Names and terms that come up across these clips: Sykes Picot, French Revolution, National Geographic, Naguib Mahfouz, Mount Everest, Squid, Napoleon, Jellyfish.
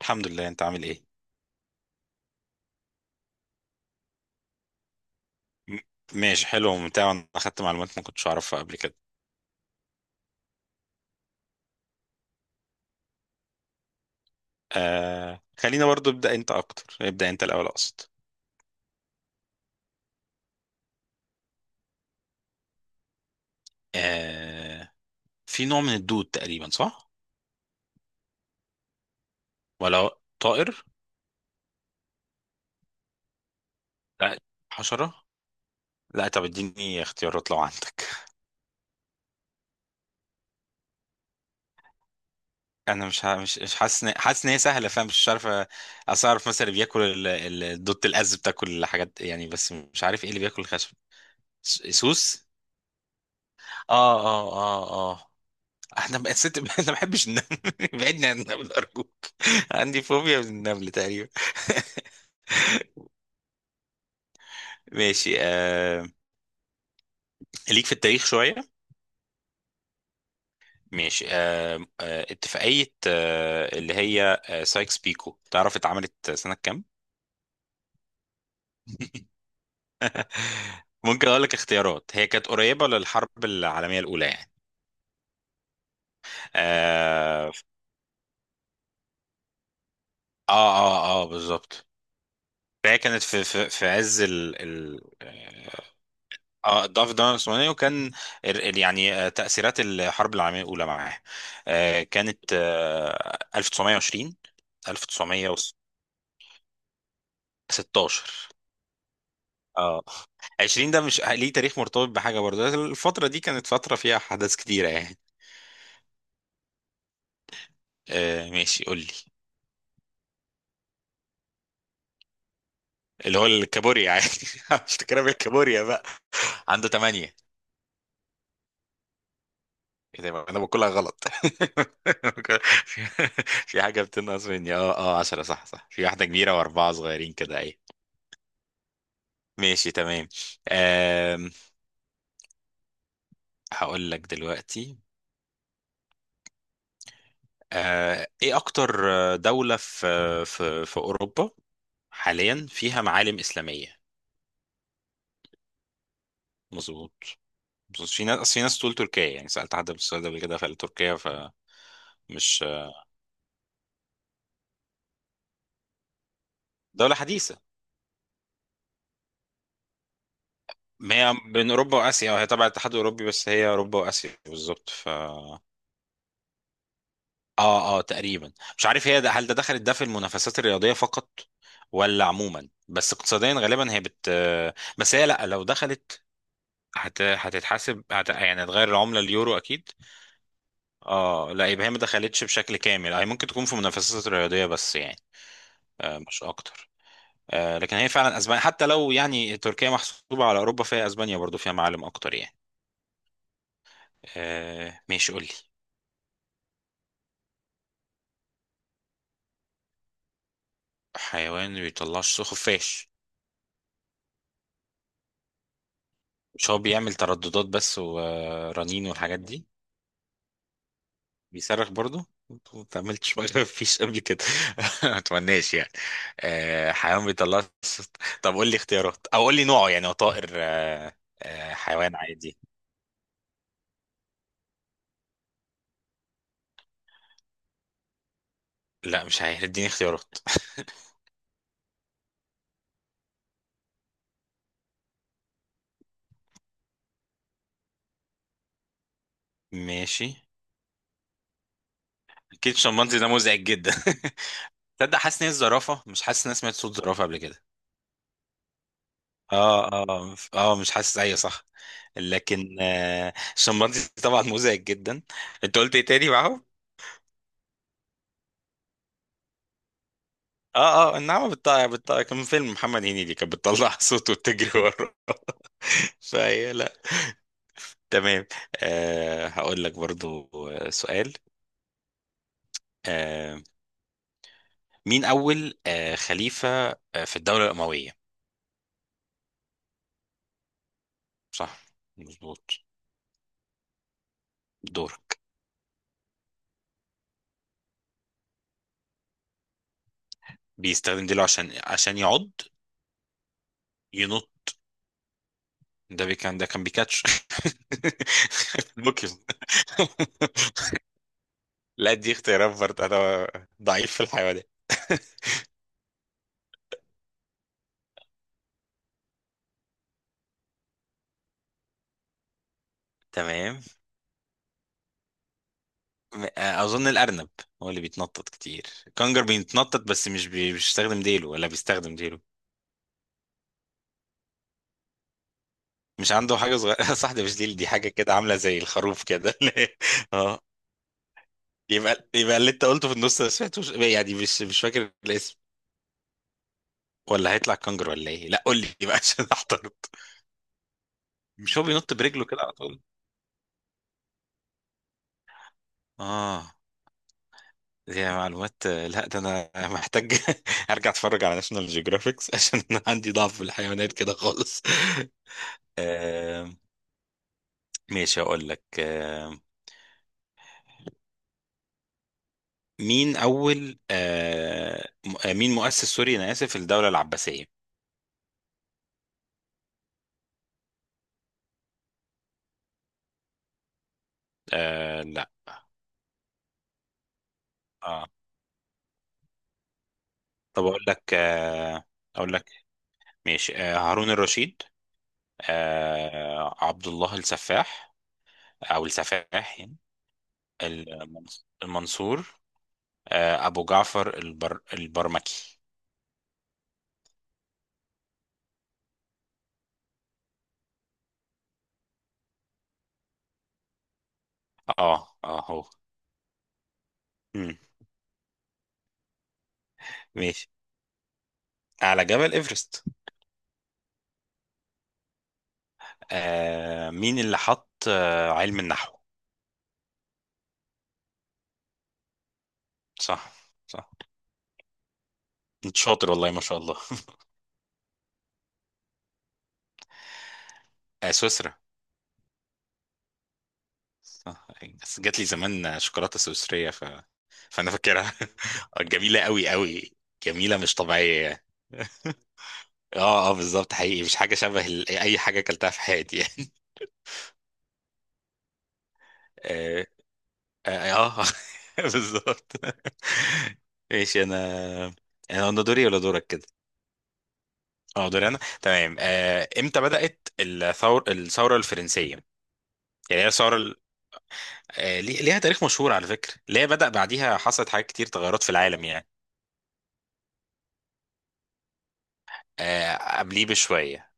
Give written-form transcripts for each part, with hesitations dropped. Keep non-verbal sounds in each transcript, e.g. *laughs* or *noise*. الحمد لله، انت عامل ايه؟ م- ماشي، حلو وممتع. انا اخدت معلومات ما كنتش اعرفها قبل كده. خلينا برضو. ابدا انت الاول اقصد. آه في نوع من الدود تقريبا، صح؟ ولا طائر؟ لا، حشرة. لا، طب اديني اختيارات لو عندك. *laughs* انا مش ه- مش مش حاسس حاسس ان هي سهله، فاهم، مش عارف اصل اعرف مثلا اللي بياكل الدود الاز بتاكل حاجات يعني، بس مش عارف ايه اللي بياكل الخشب. سوس. اه. اه، احنا بقى ست. *laughs* انا ما بحبش النمل. *laughs* بعدني عن النمل ارجوك، عندي فوبيا من النمل تقريبا. *laughs* ماشي. ليك في التاريخ شويه. ماشي، اتفاقيه اللي هي سايكس بيكو، تعرف اتعملت سنه كام؟ ممكن اقول لك اختيارات، هي كانت قريبه للحرب العالميه الاولى يعني. اه اه, آه بالظبط. فهي كانت في عز ال... ال... آه، اه ضعف الدولة العثمانية، وكان يعني تأثيرات الحرب العالمية الأولى معاه، كانت 1920. 1916. اه، 20 ده مش ليه تاريخ مرتبط بحاجة برضه، الفترة دي كانت فترة فيها أحداث كتيرة يعني. ماشي، قول لي. اللي هو الكابوريا يعني. *laughs* مش فاكرها بالكابوريا بقى. عنده ثمانية. ايه ده بقى؟ انا بقولها غلط. *laughs* في في حاجة بتنقص مني. اه 10، صح، صح، في واحدة كبيرة واربعة صغيرين كده. ايه، ماشي، تمام. أم، هقول لك دلوقتي. ايه اكتر دولة في في اوروبا حاليا فيها معالم اسلامية؟ مظبوط، مظبوط. في ناس أصل، في ناس تقول تركيا يعني، سألت حد بالسؤال ده قبل كده فقال تركيا. فمش دولة حديثة. ما هي بين اوروبا واسيا، هي تبع الاتحاد الاوروبي بس هي اوروبا واسيا بالظبط. ف اه تقريبا، مش عارف هي ده، هل ده دخلت ده في المنافسات الرياضية فقط ولا عموما؟ بس اقتصاديا غالبا هي بت، بس هي لا لو دخلت هت... هتتحاسب، هت... يعني هتغير العملة اليورو أكيد. اه لا، يبقى هي ما دخلتش بشكل كامل، هي ممكن تكون في منافسات رياضية بس يعني، آه مش أكتر. آه لكن هي فعلا أسبانيا، حتى لو يعني تركيا محسوبة على أوروبا، فهي أسبانيا برضو فيها معالم أكتر يعني. آه ماشي قولي. حيوان ما بيطلعش صوت؟ خفاش. مش هو بيعمل ترددات بس ورنين والحاجات دي؟ بيصرخ برضه، ما اتعملتش ما فيش قبل كده. *laughs* ما اتمناش يعني. حيوان بيطلع صوت. طب قول لي اختيارات او قول لي نوعه يعني، هو طائر حيوان عادي؟ لا مش عارف، اديني اختيارات. ماشي. اكيد الشمبانزي ده مزعج جدا. *laughs* تصدق حاسس ان هي الزرافه، مش حاسس ان انا سمعت صوت زرافه قبل كده. اه مش حاسس، ايوه صح. لكن الشمبانزي طبعا مزعج جدا. انت قلت ايه تاني معاهم؟ اه النعمة بتطلع، كان فيلم محمد هنيدي كانت بتطلع *laughs* صوت وبتجري وراه. فهي لا. تمام. آه هقول لك برضو سؤال. آه مين أول خليفة في الدولة الأموية؟ صح، مظبوط. دورك. بيستخدم ديله عشان يعض؟ ينط؟ ده كان بيكاتش. *laughs* بوكيمون. لا دي اختيارات برضه، انا ضعيف في الحيوانات. *laughs* تمام. اظن الارنب هو اللي بيتنطط كتير. الكنجر بيتنطط بس مش بيستخدم ديله، ولا بيستخدم ديله؟ مش عنده حاجه صغيره؟ *laughs* صح ده مش ديل، دي حاجه كده عامله زي الخروف كده. *laughs* اه. يبقى، يبقى اللي انت قلته في النص انا سمعتوش يعني، مش فاكر الاسم. ولا هيطلع كنجر ولا ايه؟ لا قول لي، *laughs* بقى عشان احترت. مش هو بينط برجله كده على طول؟ اه دي معلومات، لا ده انا محتاج *laughs* ارجع اتفرج على ناشونال جيوغرافيكس عشان *laughs* انا عندي ضعف في الحيوانات كده خالص. *laughs* ماشي، هقول لك مين أول مين مؤسس، سوري أنا آسف، الدولة العباسية؟ لا. آه. طب أقول لك أقول لك. ماشي، هارون الرشيد، عبد الله السفاح، أو السفاح يعني، المنصور، أبو جعفر البرمكي. اه هو. مم. ماشي. على جبل إيفرست. مين اللي حط علم النحو؟ صح، صح. انت شاطر والله ما شاء الله. آه سويسرا. صح. بس جات لي زمان شوكولاته سويسريه ف... فانا فاكرها. *laughs* آه، جميله قوي قوي، جميله مش طبيعيه يعني. *laughs* اه بالظبط، حقيقي مش حاجه شبه اي حاجه اكلتها في حياتي يعني. *laughs* اه, آه آه، *laughs* بالظبط. *laughs* ماشي، انا انا أنا دوري ولا دورك كده؟ اه دوري انا، تمام. آه امتى بدأت الثوره الفرنسيه يعني؟ هي الثوره ليها تاريخ مشهور على فكرة، ليه بدأ بعديها حصلت حاجات كتير تغيرات في العالم يعني. آه، قبليه بشوية.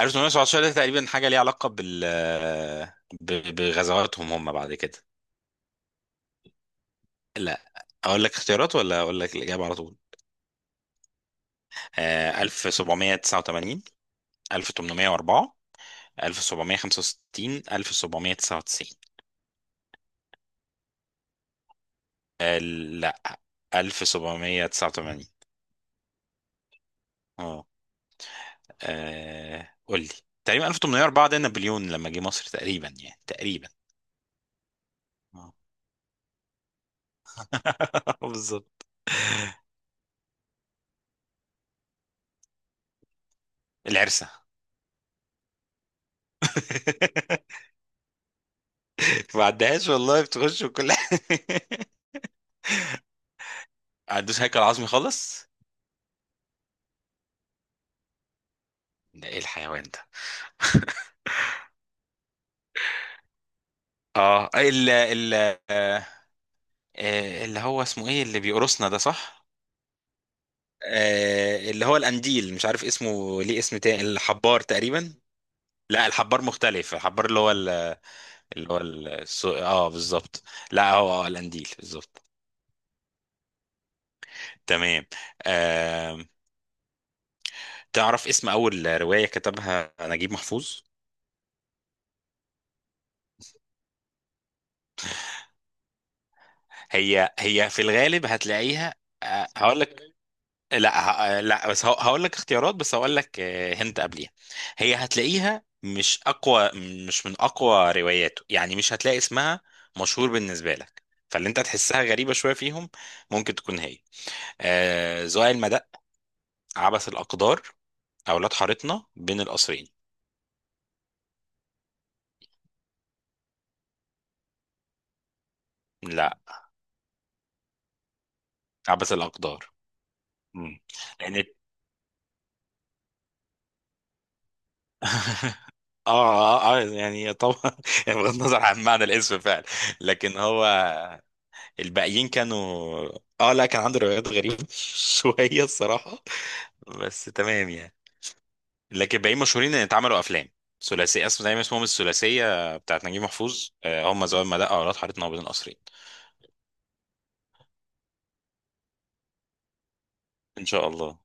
1819 ده تقريبا حاجة ليها علاقة بال بغزواتهم هم بعد كده. لا، أقول لك اختيارات ولا أقول لك الإجابة على طول؟ 1789، 1804، 1765، 1799. لا 1789. اه. قول لي. تقريبا 1804 ده نابليون لما جه مصر تقريبا يعني، تقريبا. آه. *laughs* بالظبط. العرسه. *laughs* ما عدهاش والله، بتخش وكل حاجه. *laughs* عدوش هيكل عظمي خالص. ده ايه الحيوان ده؟ اه ال ال آه، آه، اللي هو اسمه ايه اللي بيقرصنا ده، صح. اللي هو القنديل، مش عارف اسمه ليه اسم تاني، الحبار تقريبا. لا الحبار مختلف. الحبار اللي هو اللي هو السو... اه بالظبط. لا هو اه القنديل بالظبط. تمام. آه، تعرف اسم اول رواية كتبها نجيب محفوظ؟ هي هي في الغالب هتلاقيها. هقول لك، لا لا بس هقول لك اختيارات، بس هقول لك هنت قبليها. هي هتلاقيها مش اقوى، مش من اقوى رواياته يعني، مش هتلاقي اسمها مشهور بالنسبه لك، فاللي انت تحسها غريبه شويه فيهم ممكن تكون هي. آه زوال المدق، عبث الاقدار، اولاد حارتنا، بين القصرين. لا عبث الاقدار. مم. لان اه يعني طبعا، *laughs* بغض النظر عن معنى الاسم فعلا. لكن هو الباقيين كانوا، اه لا، كان عنده روايات غريبة *laughs* شوية الصراحة، بس تمام يعني. لكن الباقيين مشهورين ان اتعملوا افلام ثلاثية، اسمه دايما اسمهم الثلاثية بتاعت نجيب محفوظ، هم زمان ما دقة، اولاد حارتنا، وبين القصرين. ان شاء الله.